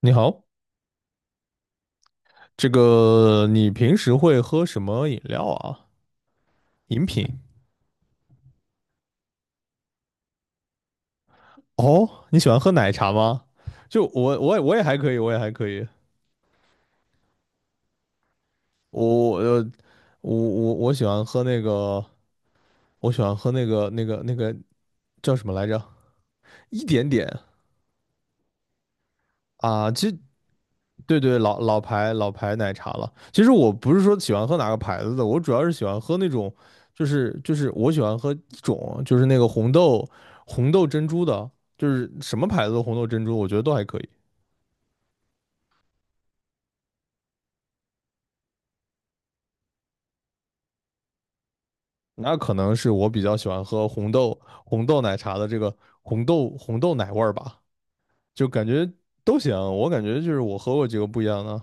你好，这个你平时会喝什么饮料啊？饮品？哦，你喜欢喝奶茶吗？就我也还可以，我也还可以。我呃，我喜欢喝那个，我喜欢喝那个叫什么来着？一点点。啊，其实对对，老牌奶茶了。其实我不是说喜欢喝哪个牌子的，我主要是喜欢喝那种，就是我喜欢喝一种，就是那个红豆珍珠的，就是什么牌子的红豆珍珠，我觉得都还可以。那可能是我比较喜欢喝红豆奶茶的这个红豆奶味儿吧，就感觉都行。我感觉就是我喝过几个不一样的。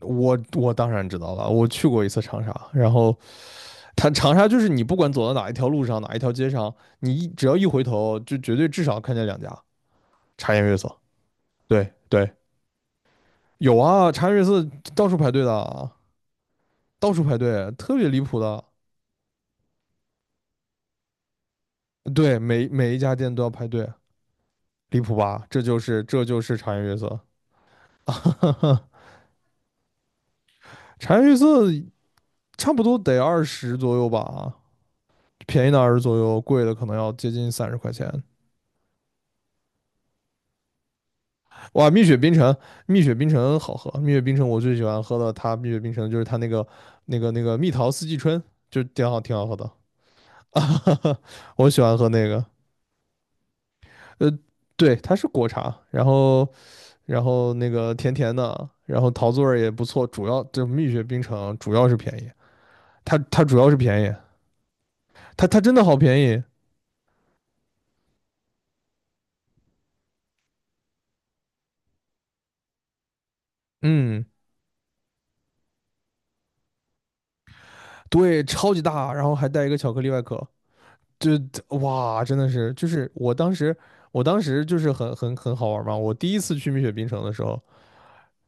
我当然知道了，我去过一次长沙，然后它长沙就是你不管走到哪一条路上，哪一条街上，你只要一回头，就绝对至少看见2家茶颜悦色。对对，有啊，茶颜悦色到处排队的，到处排队，特别离谱的。对，每一家店都要排队，离谱吧？这就是茶颜悦色。茶颜悦色差不多得二十左右吧，便宜的二十左右，贵的可能要接近30块钱。哇，蜜雪冰城。蜜雪冰城好喝。蜜雪冰城我最喜欢喝的，它蜜雪冰城就是它那个蜜桃四季春，就挺好喝的。啊我喜欢喝那个。呃，对，它是果茶，然后那个甜甜的，然后桃子味儿也不错。主要这蜜雪冰城主要是便宜，它主要是便宜，它真的好便宜。嗯，对，超级大，然后还带一个巧克力外壳。就哇，真的是，就是我当时，我当时就是很好玩嘛。我第一次去蜜雪冰城的时候，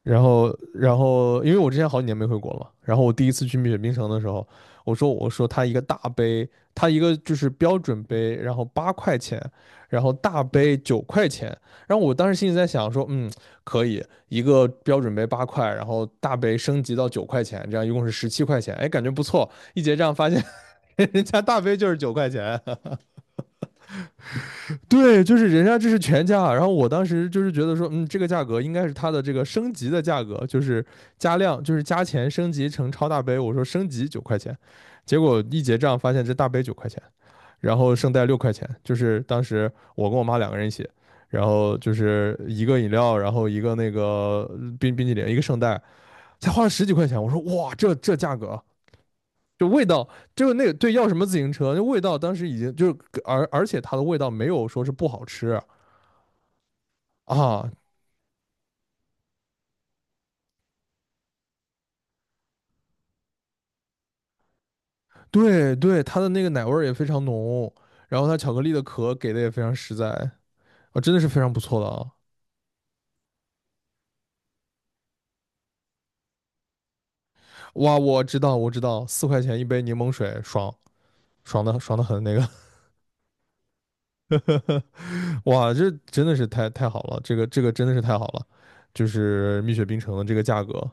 然后因为我之前好几年没回国了嘛，然后我第一次去蜜雪冰城的时候，我说他一个大杯，他一个就是标准杯，然后八块钱，然后大杯九块钱。然后我当时心里在想说，嗯，可以一个标准杯八块，然后大杯升级到九块钱，这样一共是17块钱，哎，感觉不错。一结账发现 人家大杯就是9块钱。对，就是人家这是全价，然后我当时就是觉得说，嗯，这个价格应该是它的这个升级的价格，就是加量，就是加钱升级成超大杯。我说升级九块钱，结果一结账发现这大杯九块钱，然后圣代6块钱。就是当时我跟我妈2个人一起，然后就是一个饮料，然后一个那个冰淇淋，一个圣代，才花了十几块钱。我说哇，这价格啊，就味道，就那个对，要什么自行车？那味道当时已经就是，而且它的味道没有说是不好吃。啊，对对，它的那个奶味儿也非常浓，然后它巧克力的壳给的也非常实在。啊，真的是非常不错的啊！哇，我知道，我知道，4块钱一杯柠檬水，爽，爽的很那个。哇，这真的是太好了，这个真的是太好了，就是蜜雪冰城的这个价格。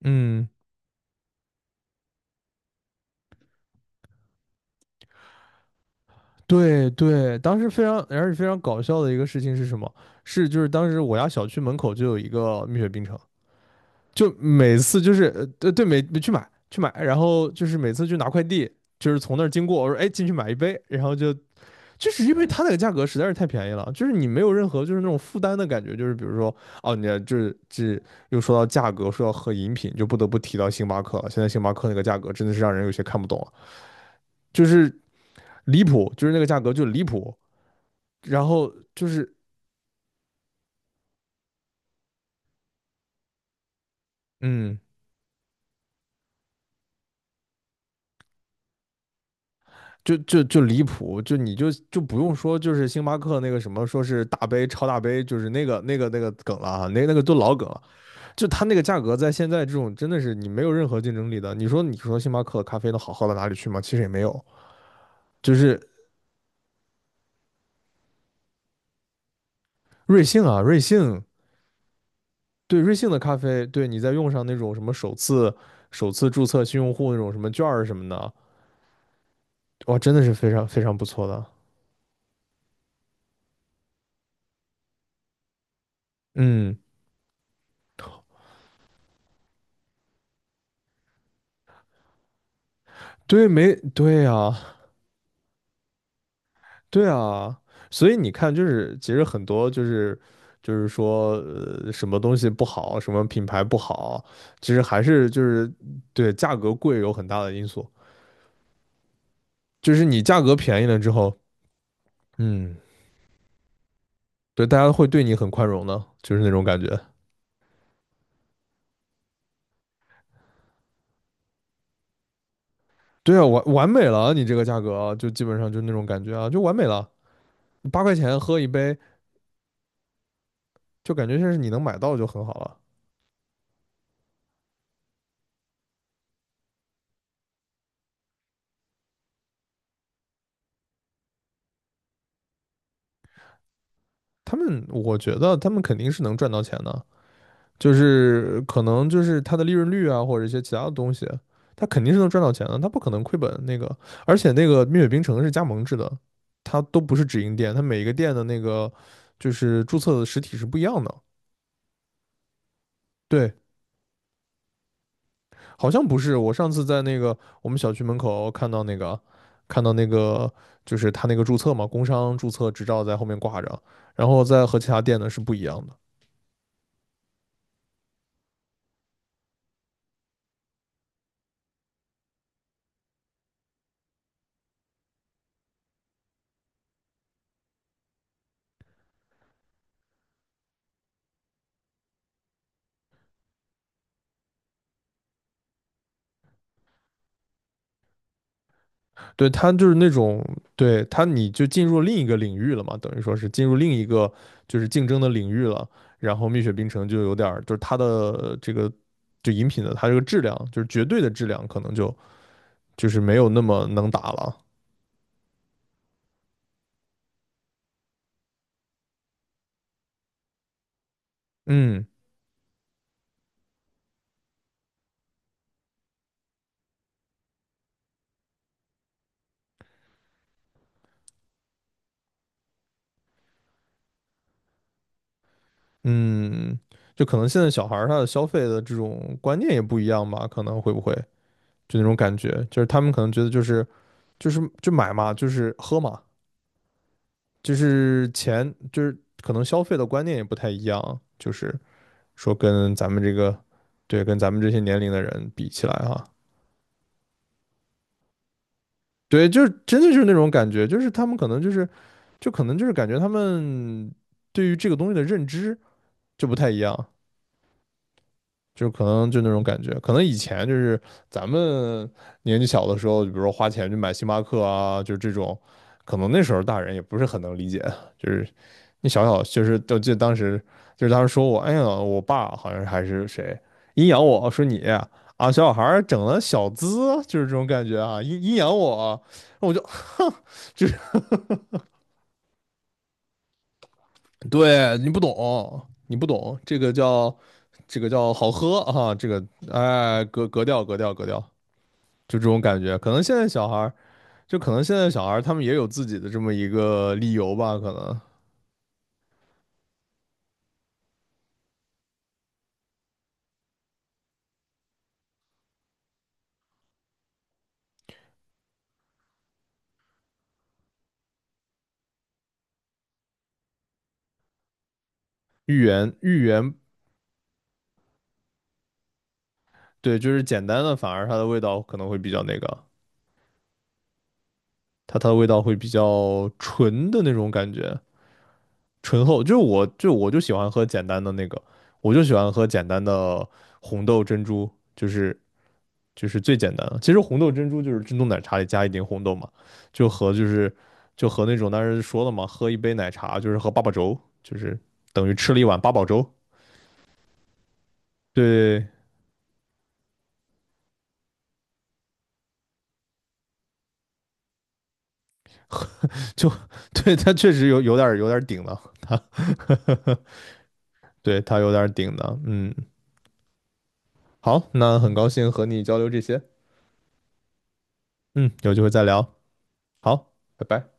嗯。对对，当时非常，而且非常搞笑的一个事情是什么？是就是当时我家小区门口就有一个蜜雪冰城，就每次就是对对，每去买去买，然后就是每次去拿快递，就是从那儿经过，我说哎进去买一杯，然后就是因为它那个价格实在是太便宜了，就是你没有任何就是那种负担的感觉。就是比如说哦你就是这又说到价格，说到喝饮品，就不得不提到星巴克了。现在星巴克那个价格真的是让人有些看不懂了，就是离谱，就是那个价格就离谱，然后就是嗯。就离谱，就你就不用说，就是星巴克那个什么，说是大杯超大杯，就是那个梗了啊，那个都老梗了。就它那个价格，在现在这种真的是你没有任何竞争力的。你说星巴克的咖啡能好喝到哪里去吗？其实也没有。就是瑞幸啊，瑞幸对瑞幸的咖啡，对你再用上那种什么首次注册新用户那种什么券儿什么的，哇，真的是非常非常不错的。嗯，对，没对呀、对啊，所以你看，就是其实很多就是说，什么东西不好，什么品牌不好，其实还是就是对价格贵有很大的因素。就是你价格便宜了之后，嗯，对，大家会对你很宽容的，就是那种感觉。对啊，完美了啊，你这个价格啊就基本上就那种感觉啊，就完美了。八块钱喝一杯，就感觉像是你能买到就很好了。我觉得他们肯定是能赚到钱的。就是可能就是它的利润率啊，或者一些其他的东西，它肯定是能赚到钱的，它不可能亏本那个。而且那个蜜雪冰城是加盟制的，它都不是直营店，它每一个店的那个就是注册的实体是不一样的。对，好像不是。我上次在那个我们小区门口看到那个就是他那个注册嘛，工商注册执照在后面挂着，然后在和其他店的是不一样的。对他就是那种，对他你就进入另一个领域了嘛，等于说是进入另一个就是竞争的领域了。然后蜜雪冰城就有点儿，就是它的这个就饮品的它这个质量，就是绝对的质量，可能就是没有那么能打了。嗯嗯，就可能现在小孩儿他的消费的这种观念也不一样吧，可能会不会就那种感觉，就是他们可能觉得就是就买嘛，就是喝嘛，就是钱就是可能消费的观念也不太一样，就是。说跟咱们这个，对，跟咱们这些年龄的人比起来哈，对，就是真的就是那种感觉，就是他们可能就是，就可能就是感觉他们对于这个东西的认知就不太一样，就是可能就那种感觉，可能以前就是咱们年纪小的时候，比如说花钱去买星巴克啊，就是这种，可能那时候大人也不是很能理解，就是那小小就是，我记得当时说我，哎呀，我爸好像还是谁阴阳我说你啊，小小孩儿整了小资，就是这种感觉啊，阴阳我，我就就是对，你不懂，你不懂，这个叫好喝啊，这个哎格调，就这种感觉。可能现在小孩儿，就可能现在小孩儿他们也有自己的这么一个理由吧，可能芋圆芋圆对，就是简单的，反而它的味道可能会比较那个。它的味道会比较纯的那种感觉，醇厚。就是我就喜欢喝简单的那个，我就喜欢喝简单的红豆珍珠，就是就是最简单的。其实红豆珍珠就是珍珠奶茶里加一点红豆嘛，就和就是就和那种当时说了嘛，喝一杯奶茶就是喝八宝粥，就是等于吃了一碗八宝粥。对，就对，它确实有点有点儿顶了，它 对它有点顶的。嗯，好，那很高兴和你交流这些，嗯，有机会再聊。好，拜拜。